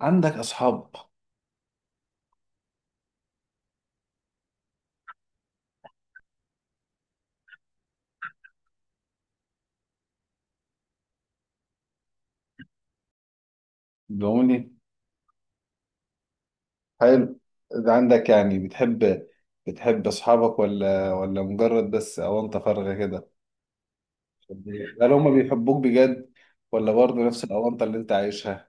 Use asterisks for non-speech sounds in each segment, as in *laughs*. عندك أصحاب؟ بيقولي حلو. ده عندك يعني بتحب، بتحب أصحابك ولا مجرد بس أونطة فارغة كده؟ هل هما بيحبوك بجد، ولا برضه نفس الأونطة اللي أنت عايشها؟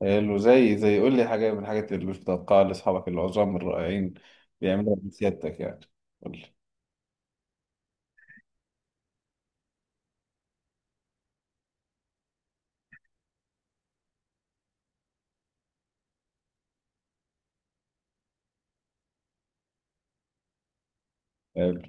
حلو. زي قول لي حاجة من الحاجات اللي مش متوقعها لأصحابك العظام الرائعين بيعملوها بسيادتك، يعني. قول لي. حلو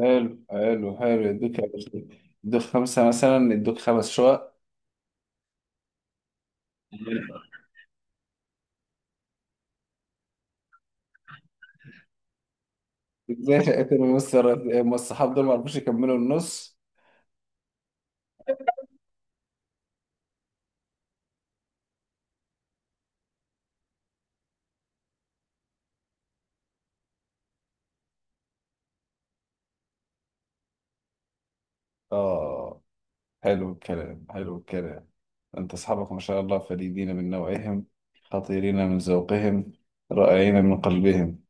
حلو. يدوك يا باشا. يدوك خمسة مثلا، يدوك خمس شقق. ازاي شقتين ونص؟ الصحاب دول *laughs* ما عرفوش يكملوا النص؟ اه، حلو الكلام، حلو الكلام. أنت أصحابك ما شاء الله فريدين من نوعهم، خطيرين من ذوقهم، رائعين من قلبهم،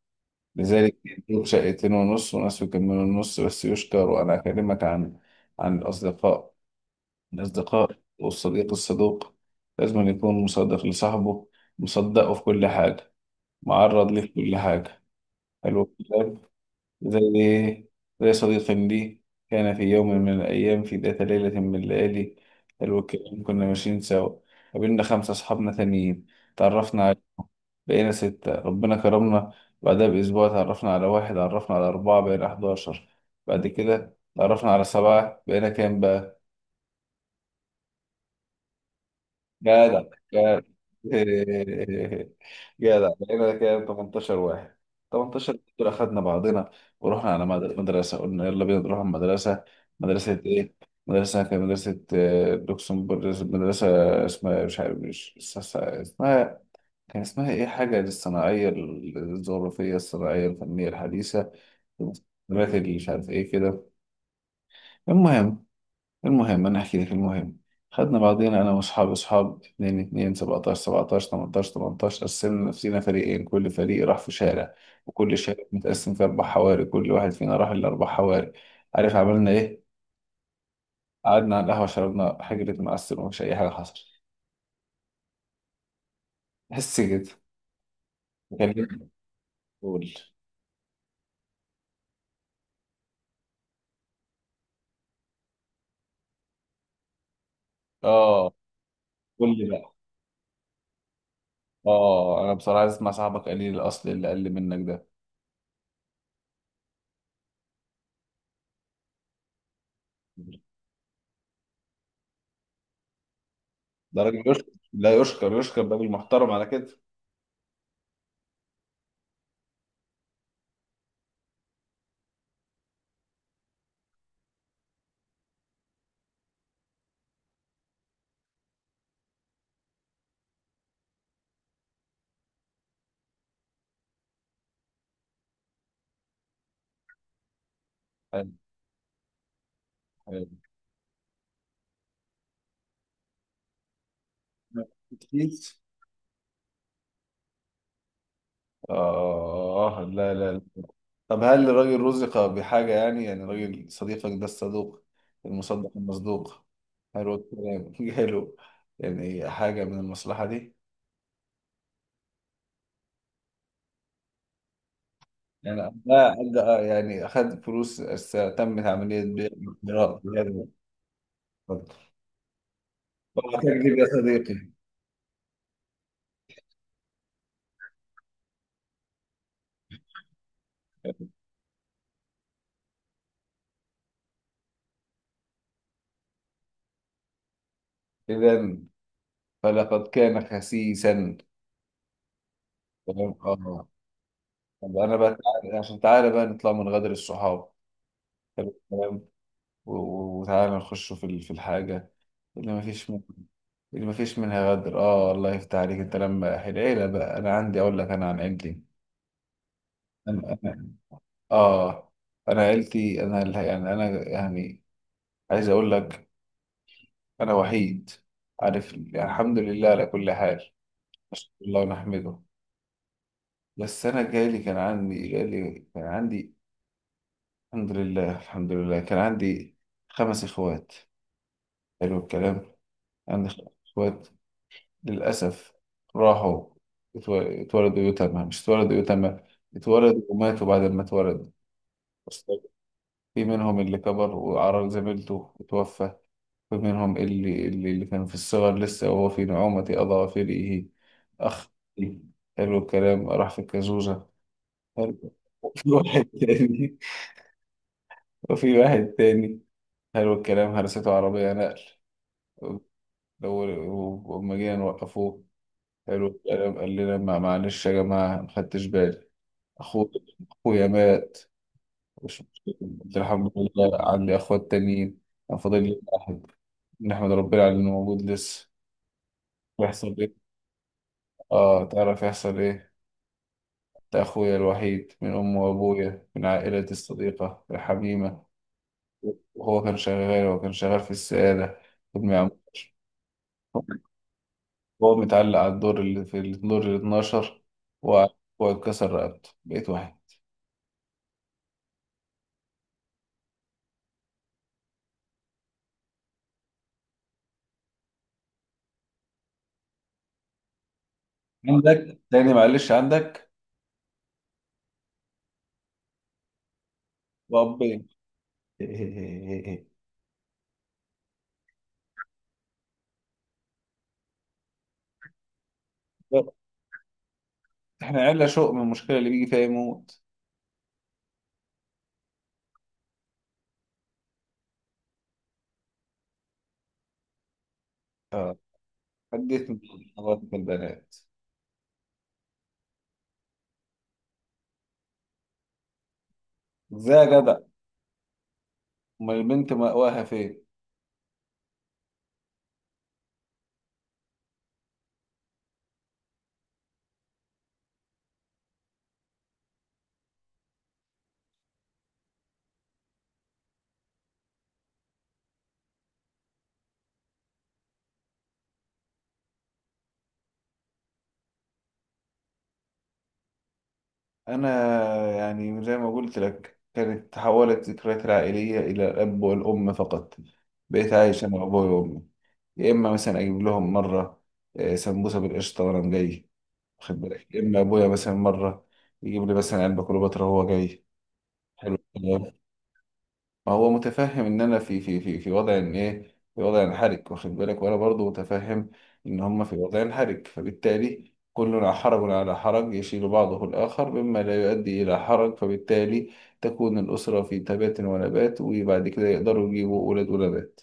لذلك يدوك شقيتين ونص، وناس يكملوا النص. بس يشكر، أنا أكلمك عن الأصدقاء. الأصدقاء والصديق الصدوق لازم أن يكون مصدق لصاحبه، مصدقه في كل حاجة، معرض ليه في كل حاجة. حلو الكلام. زي إيه؟ زي صديق لي، كان في يوم من الأيام، في ذات ليلة من الليالي، حلو الكلام، كنا ماشيين سوا، قابلنا خمسة أصحابنا تانيين، تعرفنا على، بقينا ستة، ربنا كرمنا. بعدها بأسبوع تعرفنا على واحد، عرفنا على أربعة، بقينا 11. بعد كده تعرفنا على سبعة، بقينا كام بقى؟ جدع جدع، *laughs* جدع، لقينا كام، 18 واحد. 18 دول اخدنا بعضنا، ورحنا على مدرسه قلنا يلا بينا نروح على المدرسه. مدرسه ايه؟ مدرسه، كانت مدرسه لوكسمبورغ، مدرسه اسمها مش عارف، مش اس- اسمها كان اسمها ايه، حاجه الصناعيه الجغرافيه الصناعيه الفنيه الحديثه، المدرسة اللي مش عارف ايه كده. المهم المهم، انا احكي لك المهم. خدنا بعضينا انا واصحابي اصحاب 2 2 17 17 18 18، قسمنا نفسينا فريقين، كل فريق راح في شارع، وكل شارع متقسم في اربع حواري، كل واحد فينا راح الاربع حواري. عارف عملنا ايه؟ قعدنا على القهوه، شربنا حجرة معسل، ومش اي حاجه حصلت. بس كده. كلمني، قول. اه، قول لي بقى. اه، انا بصراحه عايز اسمع صاحبك قليل الاصل اللي اقل منك ده. ده راجل يشكر. لا، يشكر يشكر ده بالمحترم على كده. حلو، حلو. كتير. آه، لا لا لا. طب هل الراجل رزق بحاجة؟ يعني راجل صديقك ده الصدوق المصدق المصدوق، حلو الكلام، *laughs* جاله يعني حاجة من المصلحة دي؟ يعني لا أدى- يعني تمت عملية بيع وشراء في هذا الوقت. وما تكذب يا صديقي. إذا فلقد كان خسيسا. تمام، آه. طب أنا بقى، عشان تعالى بقى نطلع من غدر الصحاب. حلو الكلام. و- و- وتعالى نخش في الحاجة اللي اللي مفيش منها غدر. اه، الله يفتح عليك. انت لما العيلة بقى، انا عندي اقول لك انا عن عيلتي. انا اه، انا عيلتي انا يعني انا، يعني عايز اقول لك، انا وحيد، عارف؟ يعني الحمد لله على كل حال، نشكر الله ونحمده. بس انا جالي كان عندي، الحمد لله الحمد لله، كان عندي خمس اخوات. حلو الكلام. عندي خمس اخوات. للأسف راحوا. اتو- اتولدوا يتامى، مش اتولدوا يتامى، اتولدوا وماتوا بعد ما اتولدوا. أصلاً، في منهم اللي كبر وعرى زميلته وتوفى. في منهم اللي كان في الصغر لسه، وهو في نعومة أضاء فريقه، أخ. حلو الكلام، راح في الكازوزة. حلو. وفي واحد تاني وفي واحد تاني، حلو الكلام، هرسته عربية نقل. لو، لما جينا نوقفوه، حلو الكلام، قال لنا، معلش يا جماعة، ما خدتش بالي. اخويا اخويا مات، مش مشكلة. قلت له الحمد لله، عندي اخوات تانيين، انا فاضل لي واحد، نحمد ربنا على انه موجود لسه. يحصل ايه؟ اه، تعرف يحصل ايه؟ ده اخويا الوحيد من امي وابويا، من عائلتي الصديقة الحميمة. وهو كان شغال، في السعادة، خدمة عمومية. هو متعلق على الدور، اللي في الدور ال 12، وهو اتكسر رقبته، بقيت واحد. عندك تاني؟ معلش، عندك، وابين. *laughs* احنا عيلة شوق، من المشكلة اللي بيجي فيها يموت. اه، حديت من مرات البنات. ازاي يا جدع، امال البنت مأواها فين؟ انا، يعني زي ما قلت لك، كانت تحولت ذكرياتي العائلية الى الاب والام فقط، بقيت عايش انا وابوي وامي. يا اما مثلا اجيب لهم مرة سمبوسة بالقشطة وانا جاي، واخد بالك؟ يا اما ابويا مثلا مرة يجيب لي مثلا علبة كليوباترا وهو جاي. حلو. ما هو متفهم ان انا في وضع ان ايه، في وضع انحرج، واخد بالك؟ وانا برضو متفهم ان هم في وضع انحرج، فبالتالي كلنا حرج على حرج يشيل بعضه الاخر، مما لا يؤدي الى حرج، فبالتالي تكون الاسره في تبات ونبات، وبعد كده يقدروا يجيبوا اولاد ونبات.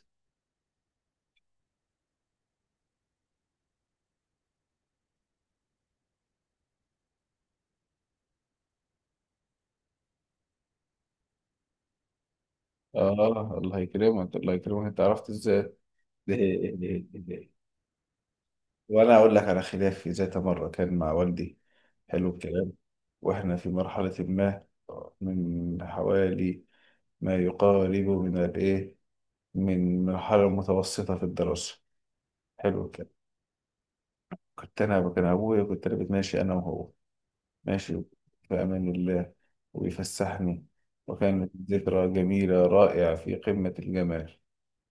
اه، الله يكرمك الله يكرمك، انت عرفت ازاي؟ *laughs* وانا اقول لك على خلافي ذات مره كان مع والدي، حلو الكلام، واحنا في مرحله ما، من حوالي، ما يقارب من الايه، من مرحله متوسطه في الدراسه، حلو الكلام. كنت انا ماشي انا وهو، ماشي، في امان الله، ويفسحني، وكانت ذكرى جميله رائعه في قمه الجمال،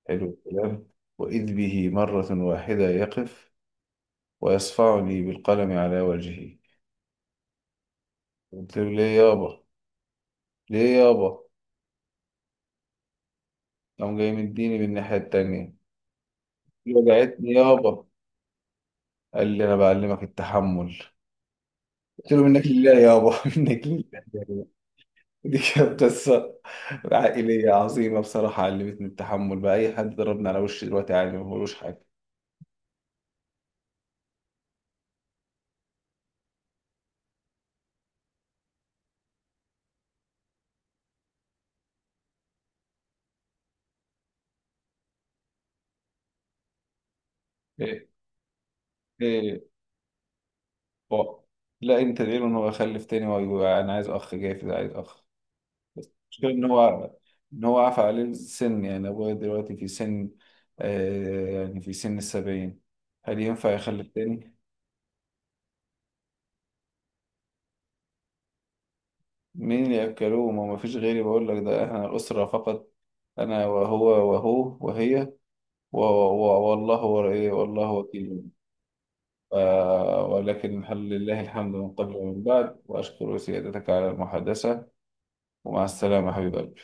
حلو الكلام. واذ به مره واحده يقف، ويصفعني بالقلم على وجهي. قلت له ليه يابا، ليه يابا. قام جاي مديني من الناحية التانية. وجعتني يابا. قال لي أنا بعلمك التحمل. قلت له منك لله يابا، *laughs* منك لله يابا. دي كانت قصة عائلية عظيمة بصراحة، علمتني التحمل، بقى أي حد ضربني على وشي دلوقتي عادي، ما بقولوش حاجة. إيه إيه بقى. لا، أنت ليه؟ أنا بخلف تاني، وأنا عايز أخ، جاي في ده عايز أخ. مشكلة ان هو عفى عليه السن، يعني ابويا دلوقتي في سن، يعني في سن السبعين، هل ينفع يخلف تاني؟ مين اللي يأكلوه؟ ما فيش غيري، بقول لك ده احنا أسرة فقط، انا وهو، وهو وهي، إيه والله وكيل، ف- ولكن هل لله الحمد من قبل ومن بعد، واشكر سيادتك على المحادثة، ومع السلامة حبيب قلبي.